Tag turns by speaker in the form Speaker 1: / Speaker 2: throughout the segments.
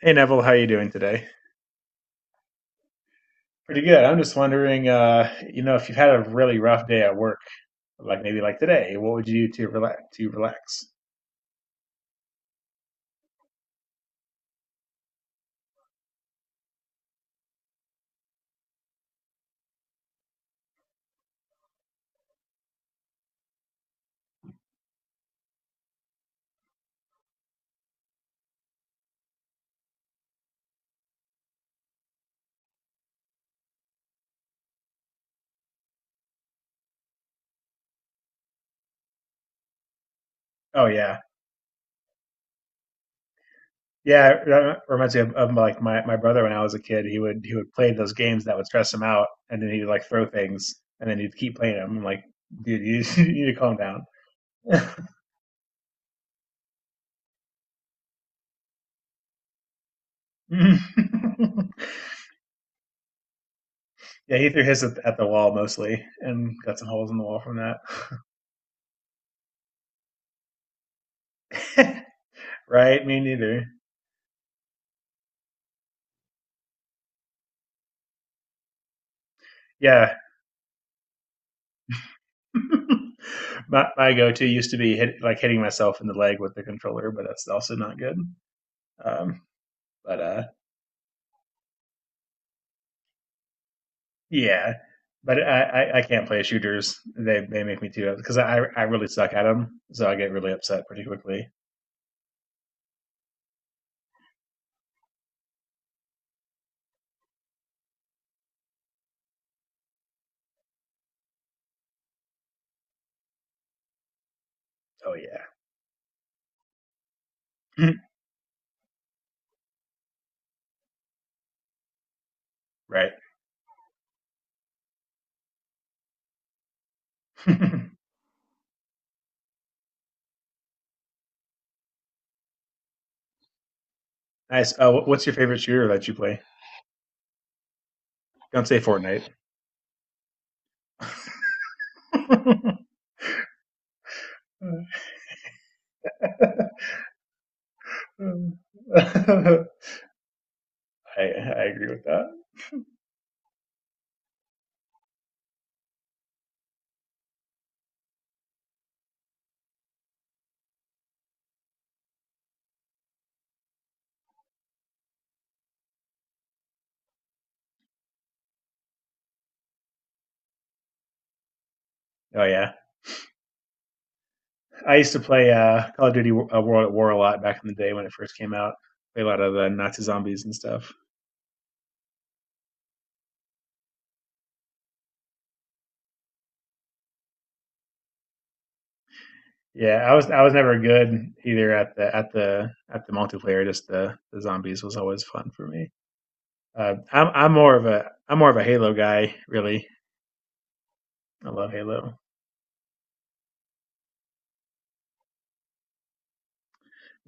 Speaker 1: Hey Neville, how are you doing today? Pretty good. I'm just wondering, if you've had a really rough day at work, like maybe like today, what would you do to relax? To relax? Oh yeah, yeah, it reminds me of like my brother when I was a kid. He would play those games that would stress him out, and then he'd like throw things, and then he'd keep playing them. I'm like, dude, you, you need to calm down. Yeah, he threw his at the wall mostly, and got some holes in the wall from that. Right? Me neither. Yeah, my go to used to be hit, like hitting myself in the leg with the controller, but that's also not good. Um, but Yeah, but I can't play shooters. They make me too because I really suck at them, so I get really upset pretty quickly. Oh yeah, right. Nice. Oh, what's your favorite shooter that you play? Don't say Fortnite. I I agree with that. Oh yeah. I used to play Call of Duty, World at War a lot back in the day when it first came out. Play a lot of the Nazi zombies and stuff. Yeah, I was never good either at the at the multiplayer. Just the zombies was always fun for me. I'm more of a Halo guy. Really, I love Halo.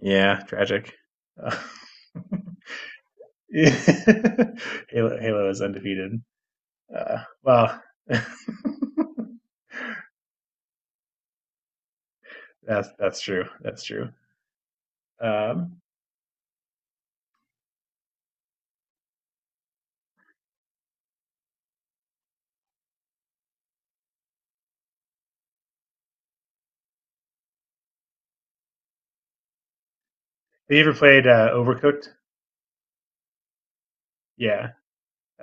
Speaker 1: Yeah, tragic. Uh, Halo Halo is undefeated. Well, that's true. That's true. Um, have you ever played Overcooked? Yeah,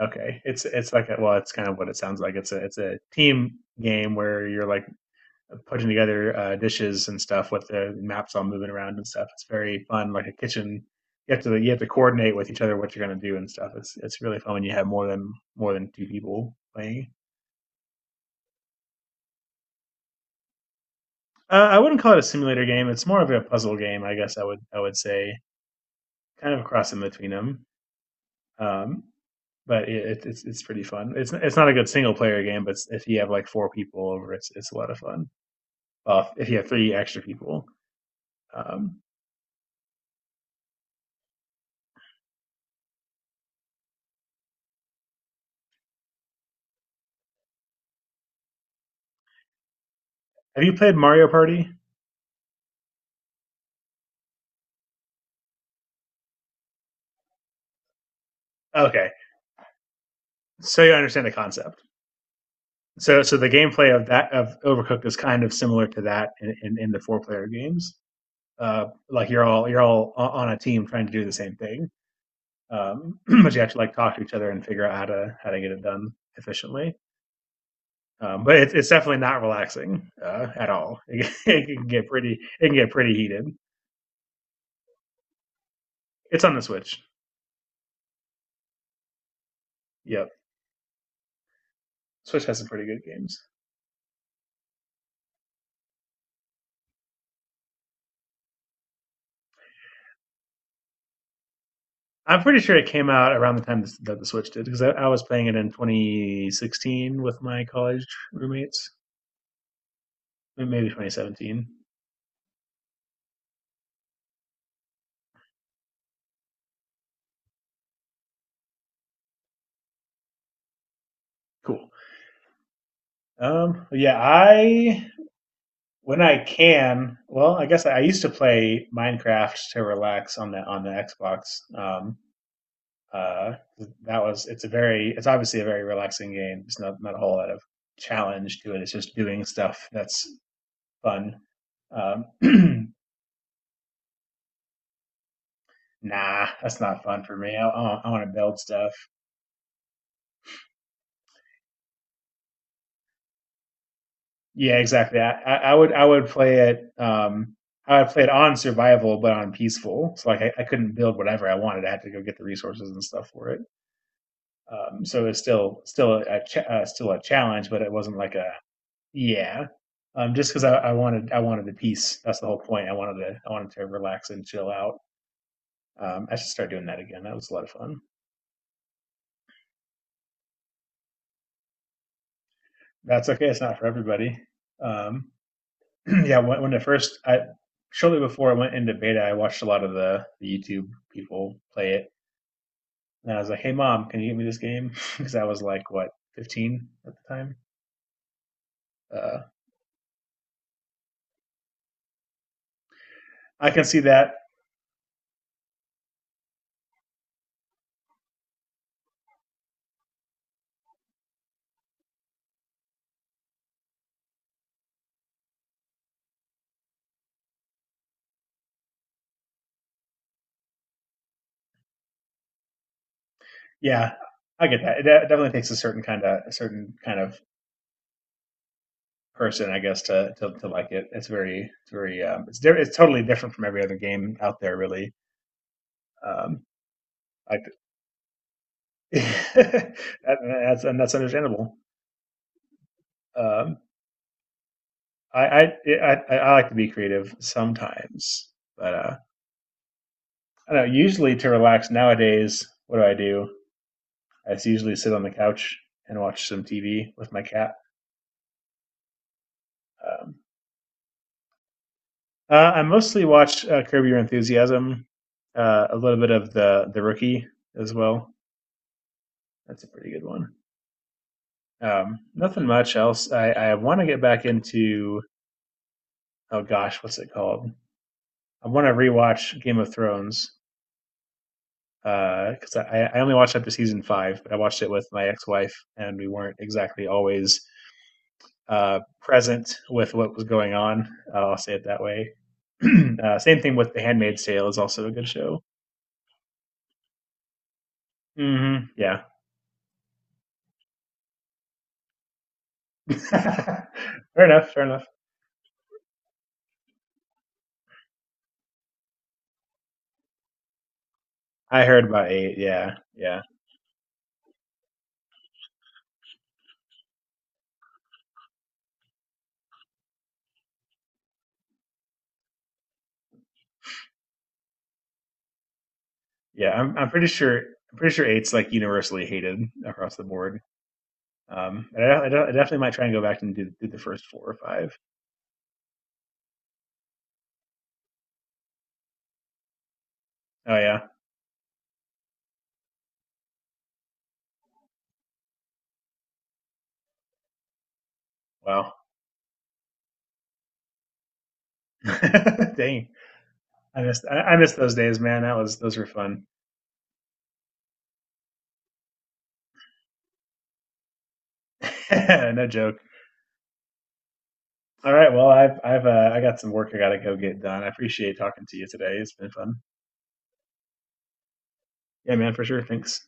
Speaker 1: okay, it's like a, well, it's kind of what it sounds like. It's a team game where you're like putting together dishes and stuff with the maps all moving around and stuff. It's very fun, like a kitchen. You have to coordinate with each other what you're going to do and stuff. It's really fun when you have more than two people playing. I wouldn't call it a simulator game. It's more of a puzzle game, I guess. I would say kind of a cross in between them. Um, but it's pretty fun. It's not a good single player game, but it's, if you have like four people over, it's a lot of fun. Well, if you have three extra people. Um, have you played Mario Party? Okay, so you understand the concept. So the gameplay of that of Overcooked is kind of similar to that in the four player games. Like you're all on a team trying to do the same thing, but you have to like talk to each other and figure out how to get it done efficiently. But it's definitely not relaxing at all. It can get pretty heated. It's on the Switch. Yep, Switch has some pretty good games. I'm pretty sure it came out around the time that the Switch did because I was playing it in 2016 with my college roommates, maybe 2017. Cool. Yeah, I when I can, well, I guess I used to play Minecraft to relax on the Xbox. Um, uh, that was it's a very it's obviously a very relaxing game. It's not a whole lot of challenge to it. It's just doing stuff that's fun. Um, nah, that's not fun for me. I want to build stuff. Yeah, exactly. I would play it. I would play it on survival, but on peaceful. So like I couldn't build whatever I wanted. I had to go get the resources and stuff for it. So it's still a still a challenge, but it wasn't like a yeah. Just because I wanted the peace. That's the whole point. I wanted to relax and chill out. I should start doing that again. That was a lot of fun. That's okay. It's not for everybody. Um, yeah, when it first, I shortly before I went into beta, I watched a lot of the YouTube people play it, and I was like, "Hey, mom, can you get me this game?" Because I was like, what, 15 at the time. Uh, I can see that. Yeah, I get that. It definitely takes a certain kind of a certain kind of person, I guess, to to like it. It's very, it's it's totally different from every other game out there, really. Um, I, that, that's and that's understandable. Um, I like to be creative sometimes, but I don't know. Usually to relax nowadays, what do? I usually sit on the couch and watch some TV with my cat. Um, I mostly watch Curb Your Enthusiasm, a little bit of the Rookie as well. That's a pretty good one. Nothing much else. I want to get back into oh gosh, what's it called? I want to rewatch Game of Thrones, because I only watched up to season five. But I watched it with my ex-wife, and we weren't exactly always present with what was going on. I'll say it that way. Uh, same thing with The Handmaid's Tale is also a good show. Mm-hmm. Yeah, fair enough. Fair enough. I heard about eight. Yeah, yeah, yeah. I'm pretty sure. I'm pretty sure eight's like universally hated across the board. I definitely might try and go back and do, do the first four or five. Oh yeah. Wow. Dang. I missed those days, man. That was those were fun. No joke. All right, well, I've I got some work I got to go get done. I appreciate talking to you today. It's been fun. Yeah, man, for sure. Thanks.